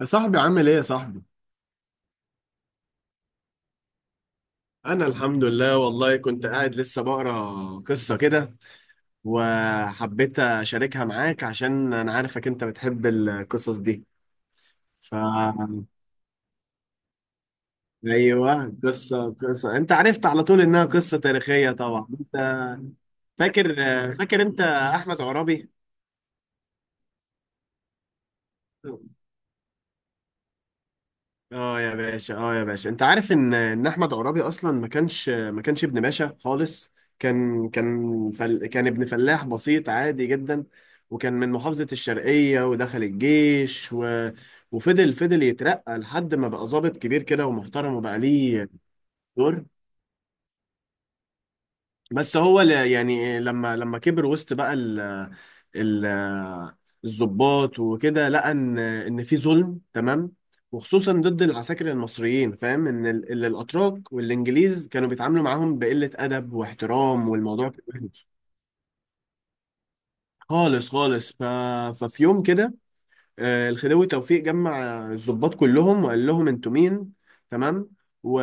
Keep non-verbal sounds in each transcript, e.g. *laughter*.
يا صاحبي عامل ايه يا صاحبي؟ أنا الحمد لله، والله كنت قاعد لسه بقرا قصة كده، وحبيت أشاركها معاك عشان أنا عارفك أنت بتحب القصص دي. ف أيوه، قصة. أنت عرفت على طول إنها قصة تاريخية طبعا. أنت فاكر فاكر أحمد عرابي؟ اه يا باشا، اه يا باشا، انت عارف ان احمد عرابي اصلا ما كانش ابن باشا خالص. كان ابن فلاح بسيط عادي جدا، وكان من محافظة الشرقية، ودخل الجيش، وفضل يترقى لحد ما بقى ضابط كبير كده ومحترم، وبقى ليه دور. بس هو لما كبر وسط بقى ال الضباط وكده، لقى ان في ظلم، تمام، وخصوصا ضد العساكر المصريين، فاهم، ان الاتراك والانجليز كانوا بيتعاملوا معاهم بقلة ادب واحترام، والموضوع كان وحش. خالص خالص. ففي يوم كده، الخديوي توفيق جمع الضباط كلهم، وقال لهم انتوا مين؟ تمام. و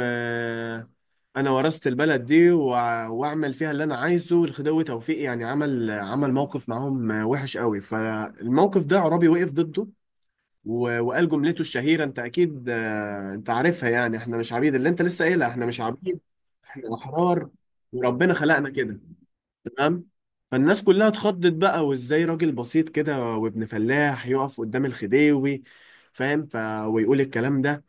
انا ورثت البلد دي، واعمل فيها اللي انا عايزه. الخديوي توفيق يعني عمل عمل موقف معاهم وحش قوي. فالموقف ده عرابي وقف ضده، وقال جملته الشهيرة. انت اكيد انت عارفها يعني، احنا مش عبيد، اللي انت لسه قايلها، احنا مش عبيد، احنا احرار وربنا خلقنا كده، تمام. فالناس كلها اتخضت بقى، وازاي راجل بسيط كده وابن فلاح يقف قدام الخديوي، فاهم، ويقول الكلام ده،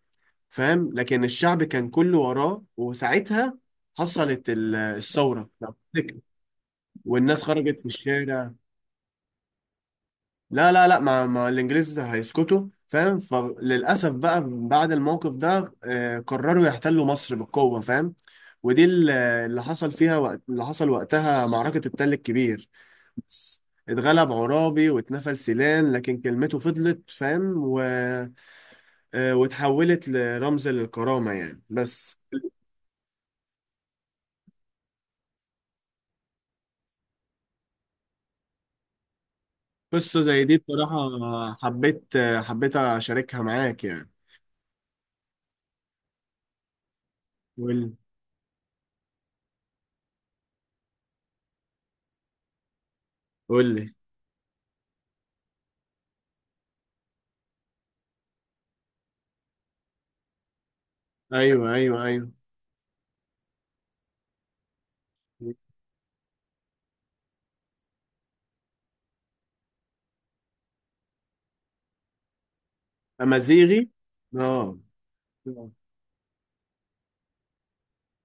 فاهم. لكن الشعب كان كله وراه، وساعتها حصلت الثورة لو تفتكر. والناس خرجت في الشارع. لا لا لا، ما الانجليز هيسكتوا، فاهم. فللأسف بقى بعد الموقف ده قرروا يحتلوا مصر بالقوة، فاهم. ودي اللي حصل وقتها معركة التل الكبير. اتغلب عرابي واتنفل سيلان، لكن كلمته فضلت، فاهم، و... آه، واتحولت لرمز للكرامة يعني. بس قصة زي دي بصراحة، حبيت حبيت أشاركها معاك يعني. قول، قول لي. أيوه أيوه أيوه. أمازيغي. آه.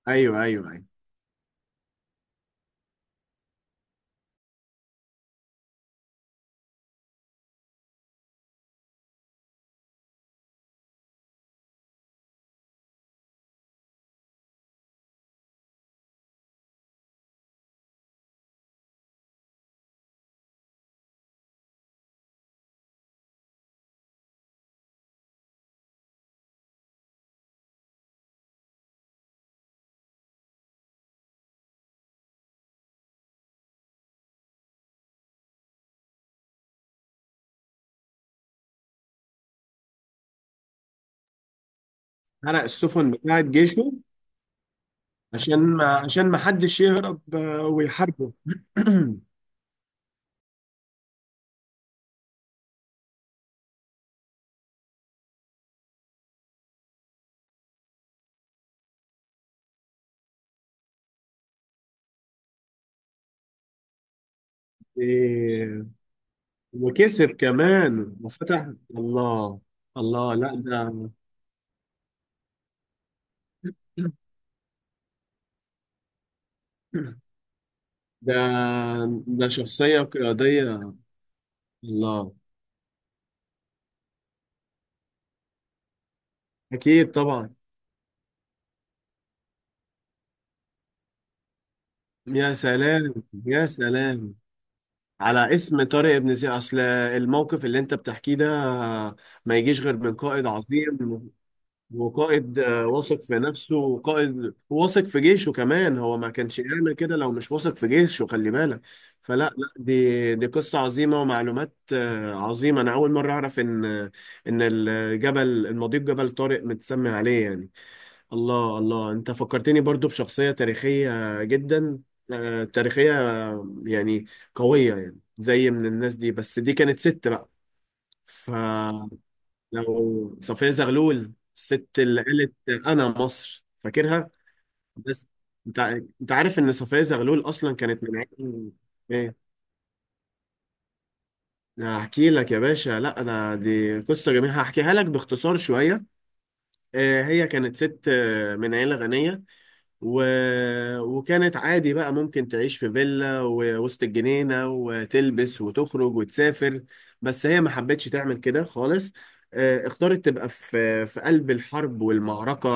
أيوه أيوه أيوه. حرق السفن بتاعت جيشه. عشان ما حدش يهرب ويحاربه. *clears throat* إيه، وكسب كمان وفتح. الله. الله، لا ده ده شخصية قيادية. الله. أكيد طبعا. يا سلام. يا سلام، على اسم طارق بن زياد. أصل الموقف اللي أنت بتحكيه ده ما يجيش غير من قائد عظيم. هو قائد واثق في نفسه، وقائد واثق في جيشه كمان. هو ما كانش يعمل كده لو مش واثق في جيشه، خلي بالك. فلا لا دي دي قصة عظيمة، ومعلومات عظيمة. أنا أول مرة أعرف إن الجبل، المضيق جبل طارق، متسمي عليه يعني. الله الله، أنت فكرتني برضو بشخصية تاريخية جدا، تاريخية، يعني قوية يعني، زي من الناس دي، بس دي كانت ست بقى. ف لو صفية زغلول، الست اللي قالت انا مصر، فاكرها. بس انت انت عارف ان صفية زغلول اصلا كانت من عيلة؟ ايه، هحكي لك يا باشا. لا انا دي قصة جميلة، هحكيها لك باختصار شوية. هي كانت ست من عيلة غنية، و... وكانت عادي بقى ممكن تعيش في فيلا ووسط الجنينة، وتلبس وتخرج وتسافر. بس هي ما حبتش تعمل كده خالص. اختارت تبقى في قلب الحرب والمعركة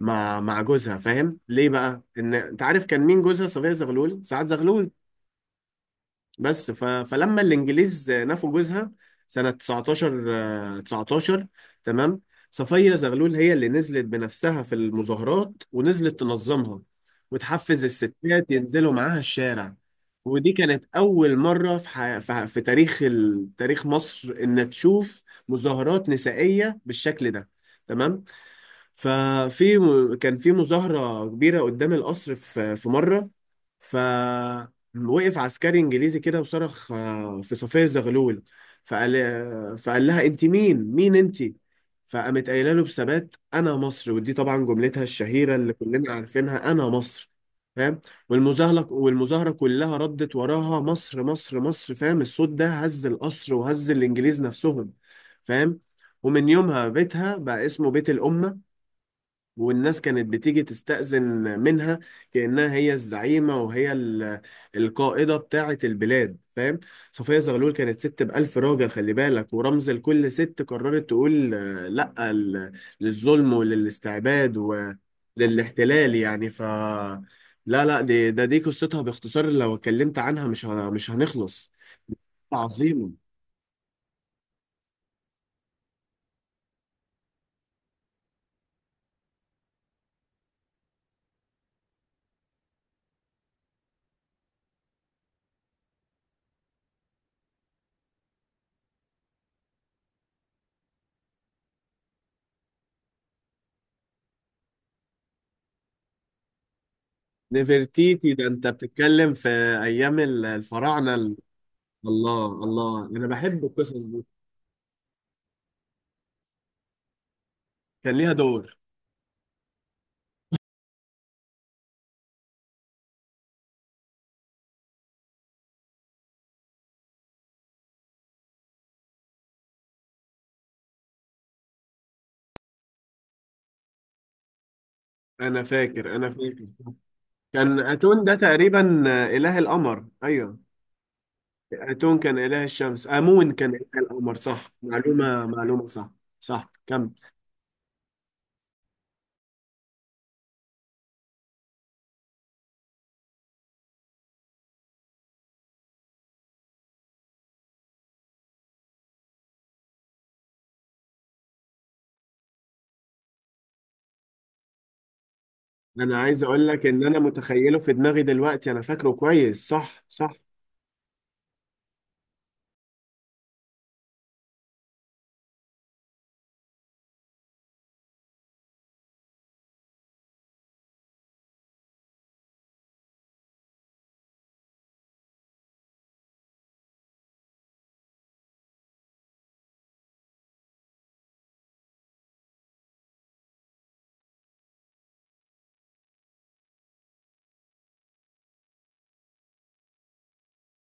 مع جوزها، فاهم. ليه بقى؟ ان انت عارف كان مين جوزها؟ صفية زغلول سعد زغلول. بس فلما الانجليز نفوا جوزها سنة 19، 19، تمام. صفية زغلول هي اللي نزلت بنفسها في المظاهرات، ونزلت تنظمها، وتحفز الستات ينزلوا معاها الشارع. ودي كانت أول مرة في تاريخ، تاريخ مصر، إن تشوف مظاهرات نسائية بالشكل ده، تمام. ففي كان في مظاهرة كبيرة قدام القصر في مرة. ف وقف عسكري انجليزي كده، وصرخ في صفية زغلول. فقال لها انت مين؟ مين انت؟ فقامت قايله له بثبات، انا مصر. ودي طبعا جملتها الشهيره اللي كلنا عارفينها، انا مصر، فاهم. والمظاهره كلها ردت وراها، مصر مصر مصر، فاهم. الصوت ده هز القصر وهز الانجليز نفسهم، فاهم. ومن يومها بيتها بقى اسمه بيت الأمة، والناس كانت بتيجي تستأذن منها، كأنها هي الزعيمة وهي القائدة بتاعة البلاد، فاهم. صفية زغلول كانت ست بألف راجل، خلي بالك، ورمز لكل ست قررت تقول لأ للظلم وللاستعباد وللاحتلال يعني. لا لا، دي قصتها باختصار. لو اتكلمت عنها مش مش هنخلص. عظيمة. نفرتيتي؟ ده انت بتتكلم في ايام الفراعنة، الله الله، انا بحب القصص دي. كان ليها دور. انا فاكر، انا فاكر. كان اتون ده تقريبا اله القمر، ايوه. اتون كان اله الشمس، امون كان اله القمر، صح. معلومه معلومه صح. صح كم. انا عايز اقول لك ان انا متخيله في دماغي دلوقتي، انا فاكره كويس، صح صح.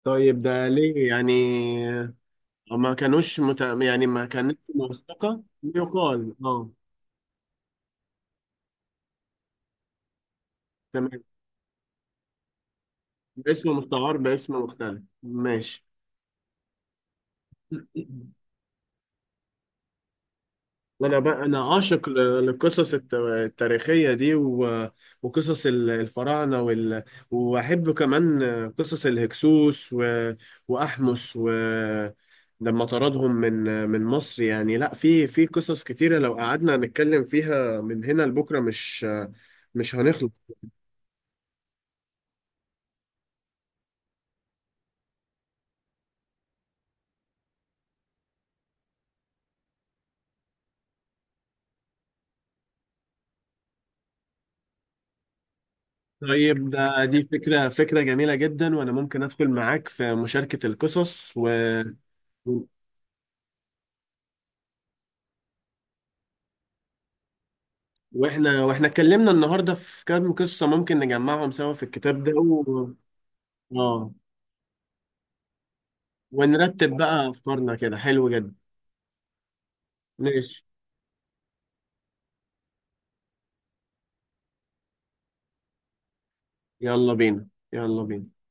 طيب، ده ليه يعني؟ ما كانوش مت... يعني ما كانتش موثقه، يقال، اه. تمام. باسم مستعار، باسم مختلف، ماشي. انا بقى، انا عاشق للقصص التاريخيه دي، وقصص الفراعنه، واحب كمان قصص الهكسوس، واحمس، لما طردهم من مصر يعني. لا، في قصص كتيره، لو قعدنا نتكلم فيها من هنا لبكره مش، مش هنخلص. طيب، دي فكره، فكره جميله جدا، وانا ممكن ادخل معاك في مشاركه القصص. واحنا اتكلمنا النهارده في كام قصة ممكن نجمعهم سوا في الكتاب ده، اه، ونرتب بقى افكارنا كده، حلو جدا. ماشي. يلا بينا، يلا بينا.